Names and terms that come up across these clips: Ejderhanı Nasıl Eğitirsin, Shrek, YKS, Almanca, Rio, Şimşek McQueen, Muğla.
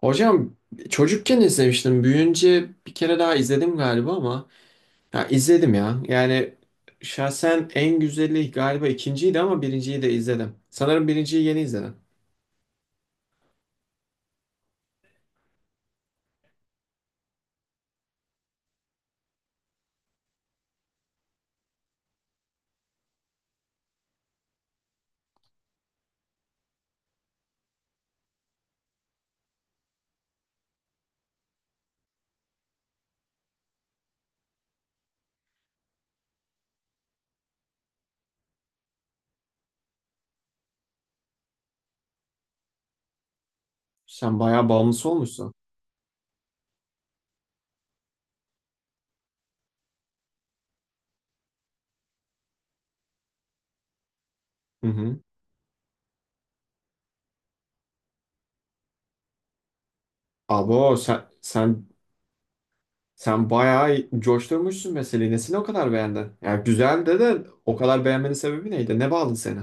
Hocam çocukken izlemiştim. Büyüyünce bir kere daha izledim galiba ama ya izledim ya. Yani şahsen en güzeli galiba ikinciydi ama birinciyi de izledim. Sanırım birinciyi yeni izledim. Sen bayağı bağımlısı olmuşsun. Hı hı. Abo sen bayağı coşturmuşsun meseleyi. Nesini o kadar beğendin? Yani güzeldi de o kadar beğenmenin sebebi neydi? Ne bağladı seni?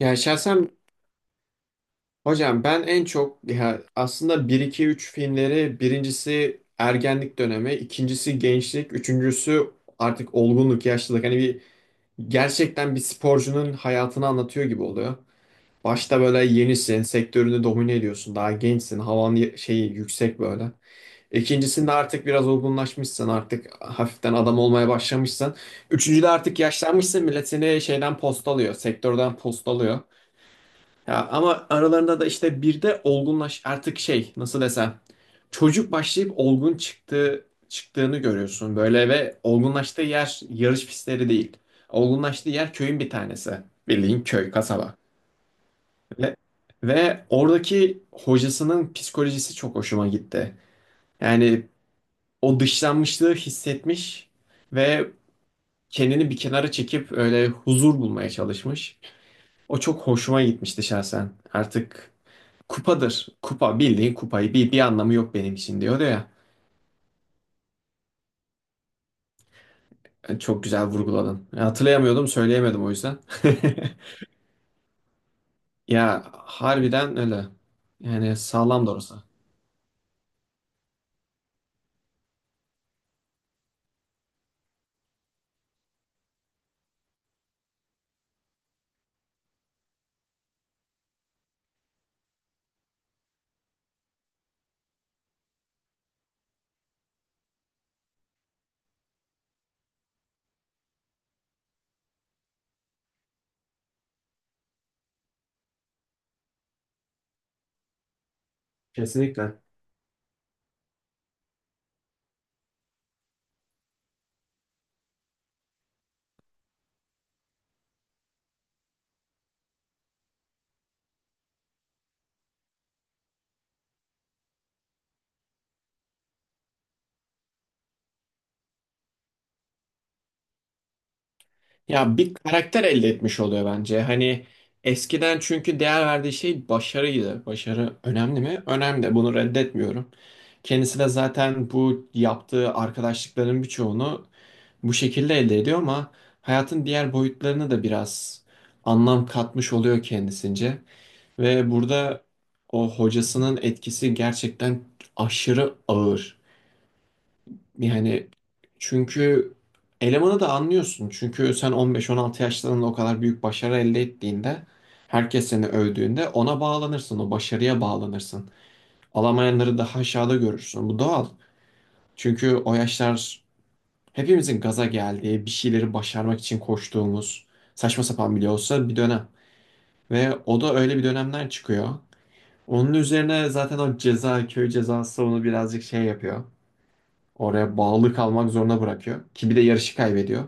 Yani şahsen hocam ben en çok ya aslında bir iki üç filmleri, birincisi ergenlik dönemi, ikincisi gençlik, üçüncüsü artık olgunluk, yaşlılık. Hani bir gerçekten bir sporcunun hayatını anlatıyor gibi oluyor. Başta böyle yenisin, sektörünü domine ediyorsun, daha gençsin, havan şeyi yüksek böyle. İkincisinde artık biraz olgunlaşmışsın, artık hafiften adam olmaya başlamışsın. Üçüncüde artık yaşlanmışsın, millet seni şeyden postalıyor, sektörden postalıyor. Ya ama aralarında da işte bir de olgunlaş artık şey, nasıl desem, çocuk başlayıp olgun çıktığını görüyorsun böyle ve olgunlaştığı yer yarış pistleri değil. Olgunlaştığı yer köyün bir tanesi. Bildiğin köy, kasaba. Ve, ve oradaki hocasının psikolojisi çok hoşuma gitti. Yani o dışlanmışlığı hissetmiş ve kendini bir kenara çekip öyle huzur bulmaya çalışmış. O çok hoşuma gitmişti şahsen. Artık kupadır. Kupa, bildiğin kupayı, bir anlamı yok benim için diyordu ya. Yani çok güzel vurguladın. Ya hatırlayamıyordum, söyleyemedim o yüzden. Ya harbiden öyle. Yani sağlam da orası. Kesinlikle. Ya bir karakter elde etmiş oluyor bence. Hani eskiden çünkü değer verdiği şey başarıydı. Başarı önemli mi? Önemli. Bunu reddetmiyorum. Kendisi de zaten bu yaptığı arkadaşlıkların birçoğunu bu şekilde elde ediyor ama hayatın diğer boyutlarına da biraz anlam katmış oluyor kendisince. Ve burada o hocasının etkisi gerçekten aşırı ağır. Yani çünkü elemanı da anlıyorsun. Çünkü sen 15-16 yaşlarında o kadar büyük başarı elde ettiğinde herkes seni övdüğünde ona bağlanırsın, o başarıya bağlanırsın. Alamayanları daha aşağıda görürsün. Bu doğal. Çünkü o yaşlar hepimizin gaza geldiği, bir şeyleri başarmak için koştuğumuz, saçma sapan bile olsa bir dönem. Ve o da öyle bir dönemden çıkıyor. Onun üzerine zaten o ceza, köy cezası onu birazcık şey yapıyor. Oraya bağlı kalmak zorunda bırakıyor. Ki bir de yarışı kaybediyor.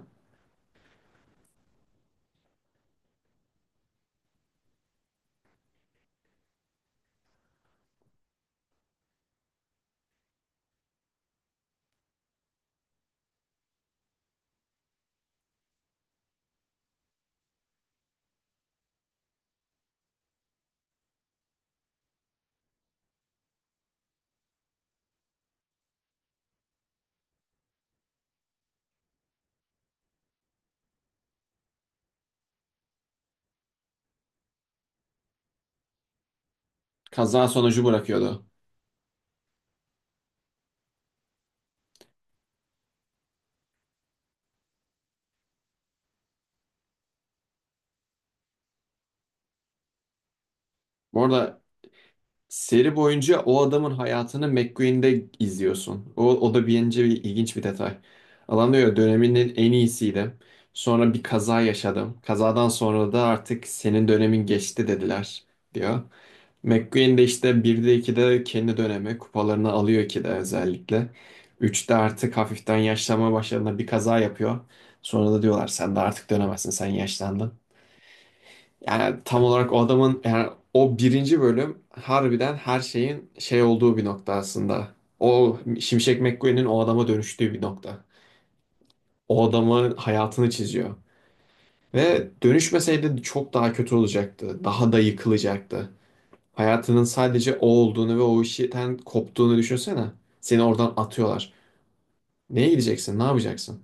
Kaza sonucu bırakıyordu. Bu arada seri boyunca o adamın hayatını McQueen'de izliyorsun. O da bence bir ilginç bir detay. Adam diyor döneminin en iyisiydim. Sonra bir kaza yaşadım. Kazadan sonra da artık senin dönemin geçti dediler diyor. McQueen de işte 1'de 2'de kendi dönemi kupalarını alıyor ki de özellikle. Üçte artık hafiften yaşlanma başladığında bir kaza yapıyor. Sonra da diyorlar sen de artık dönemezsin, sen yaşlandın. Yani tam olarak o adamın, yani o birinci bölüm harbiden her şeyin şey olduğu bir nokta aslında. O Şimşek McQueen'in o adama dönüştüğü bir nokta. O adamın hayatını çiziyor. Ve dönüşmeseydi çok daha kötü olacaktı. Daha da yıkılacaktı. Hayatının sadece o olduğunu ve o işten koptuğunu düşünsene. Seni oradan atıyorlar. Neye gideceksin? Ne yapacaksın?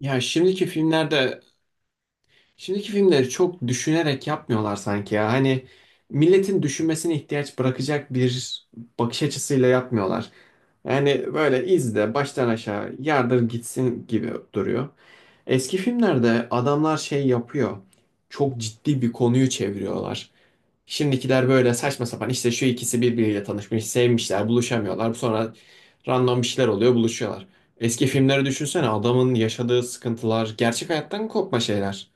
Ya şimdiki filmlerde, şimdiki filmleri çok düşünerek yapmıyorlar sanki ya. Hani milletin düşünmesine ihtiyaç bırakacak bir bakış açısıyla yapmıyorlar. Yani böyle izle baştan aşağı yardır gitsin gibi duruyor. Eski filmlerde adamlar şey yapıyor. Çok ciddi bir konuyu çeviriyorlar. Şimdikiler böyle saçma sapan, işte şu ikisi birbiriyle tanışmış, sevmişler, buluşamıyorlar. Sonra random bir şeyler oluyor, buluşuyorlar. Eski filmleri düşünsene, adamın yaşadığı sıkıntılar, gerçek hayattan kopma şeyler.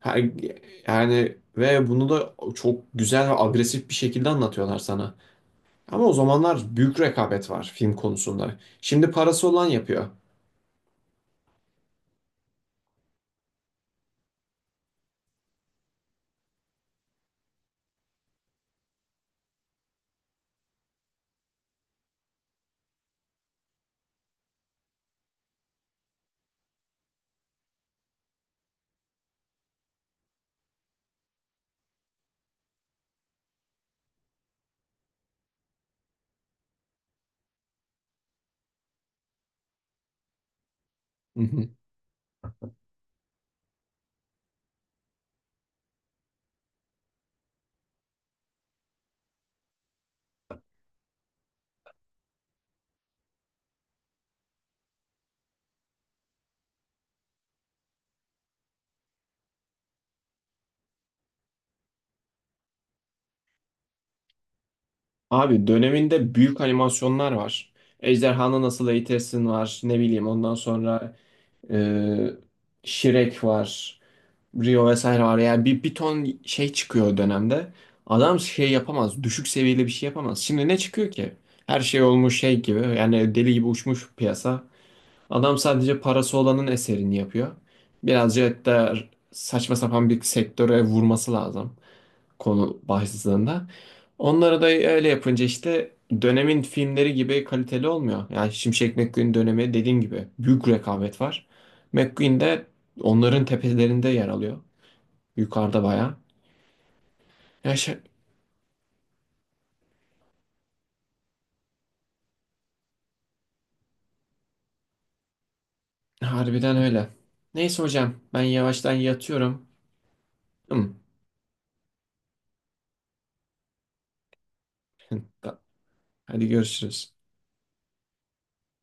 Ha- Yani ve bunu da çok güzel ve agresif bir şekilde anlatıyorlar sana. Ama o zamanlar büyük rekabet var film konusunda. Şimdi parası olan yapıyor. Hı hı. Abi döneminde büyük animasyonlar var. Ejderhanı Nasıl Eğitirsin var. Ne bileyim, ondan sonra e, Shrek var. Rio vesaire var. Yani bir ton şey çıkıyor o dönemde. Adam şey yapamaz. Düşük seviyeli bir şey yapamaz. Şimdi ne çıkıyor ki? Her şey olmuş şey gibi. Yani deli gibi uçmuş piyasa. Adam sadece parası olanın eserini yapıyor. Birazcık da saçma sapan bir sektöre vurması lazım konu başlığında. Onları da öyle yapınca işte dönemin filmleri gibi kaliteli olmuyor. Yani Şimşek McQueen dönemi dediğim gibi büyük rekabet var. McQueen de onların tepelerinde yer alıyor. Yukarıda bayağı. Ya şey- Harbiden öyle. Neyse hocam ben yavaştan yatıyorum. Hım. Hadi görüşürüz.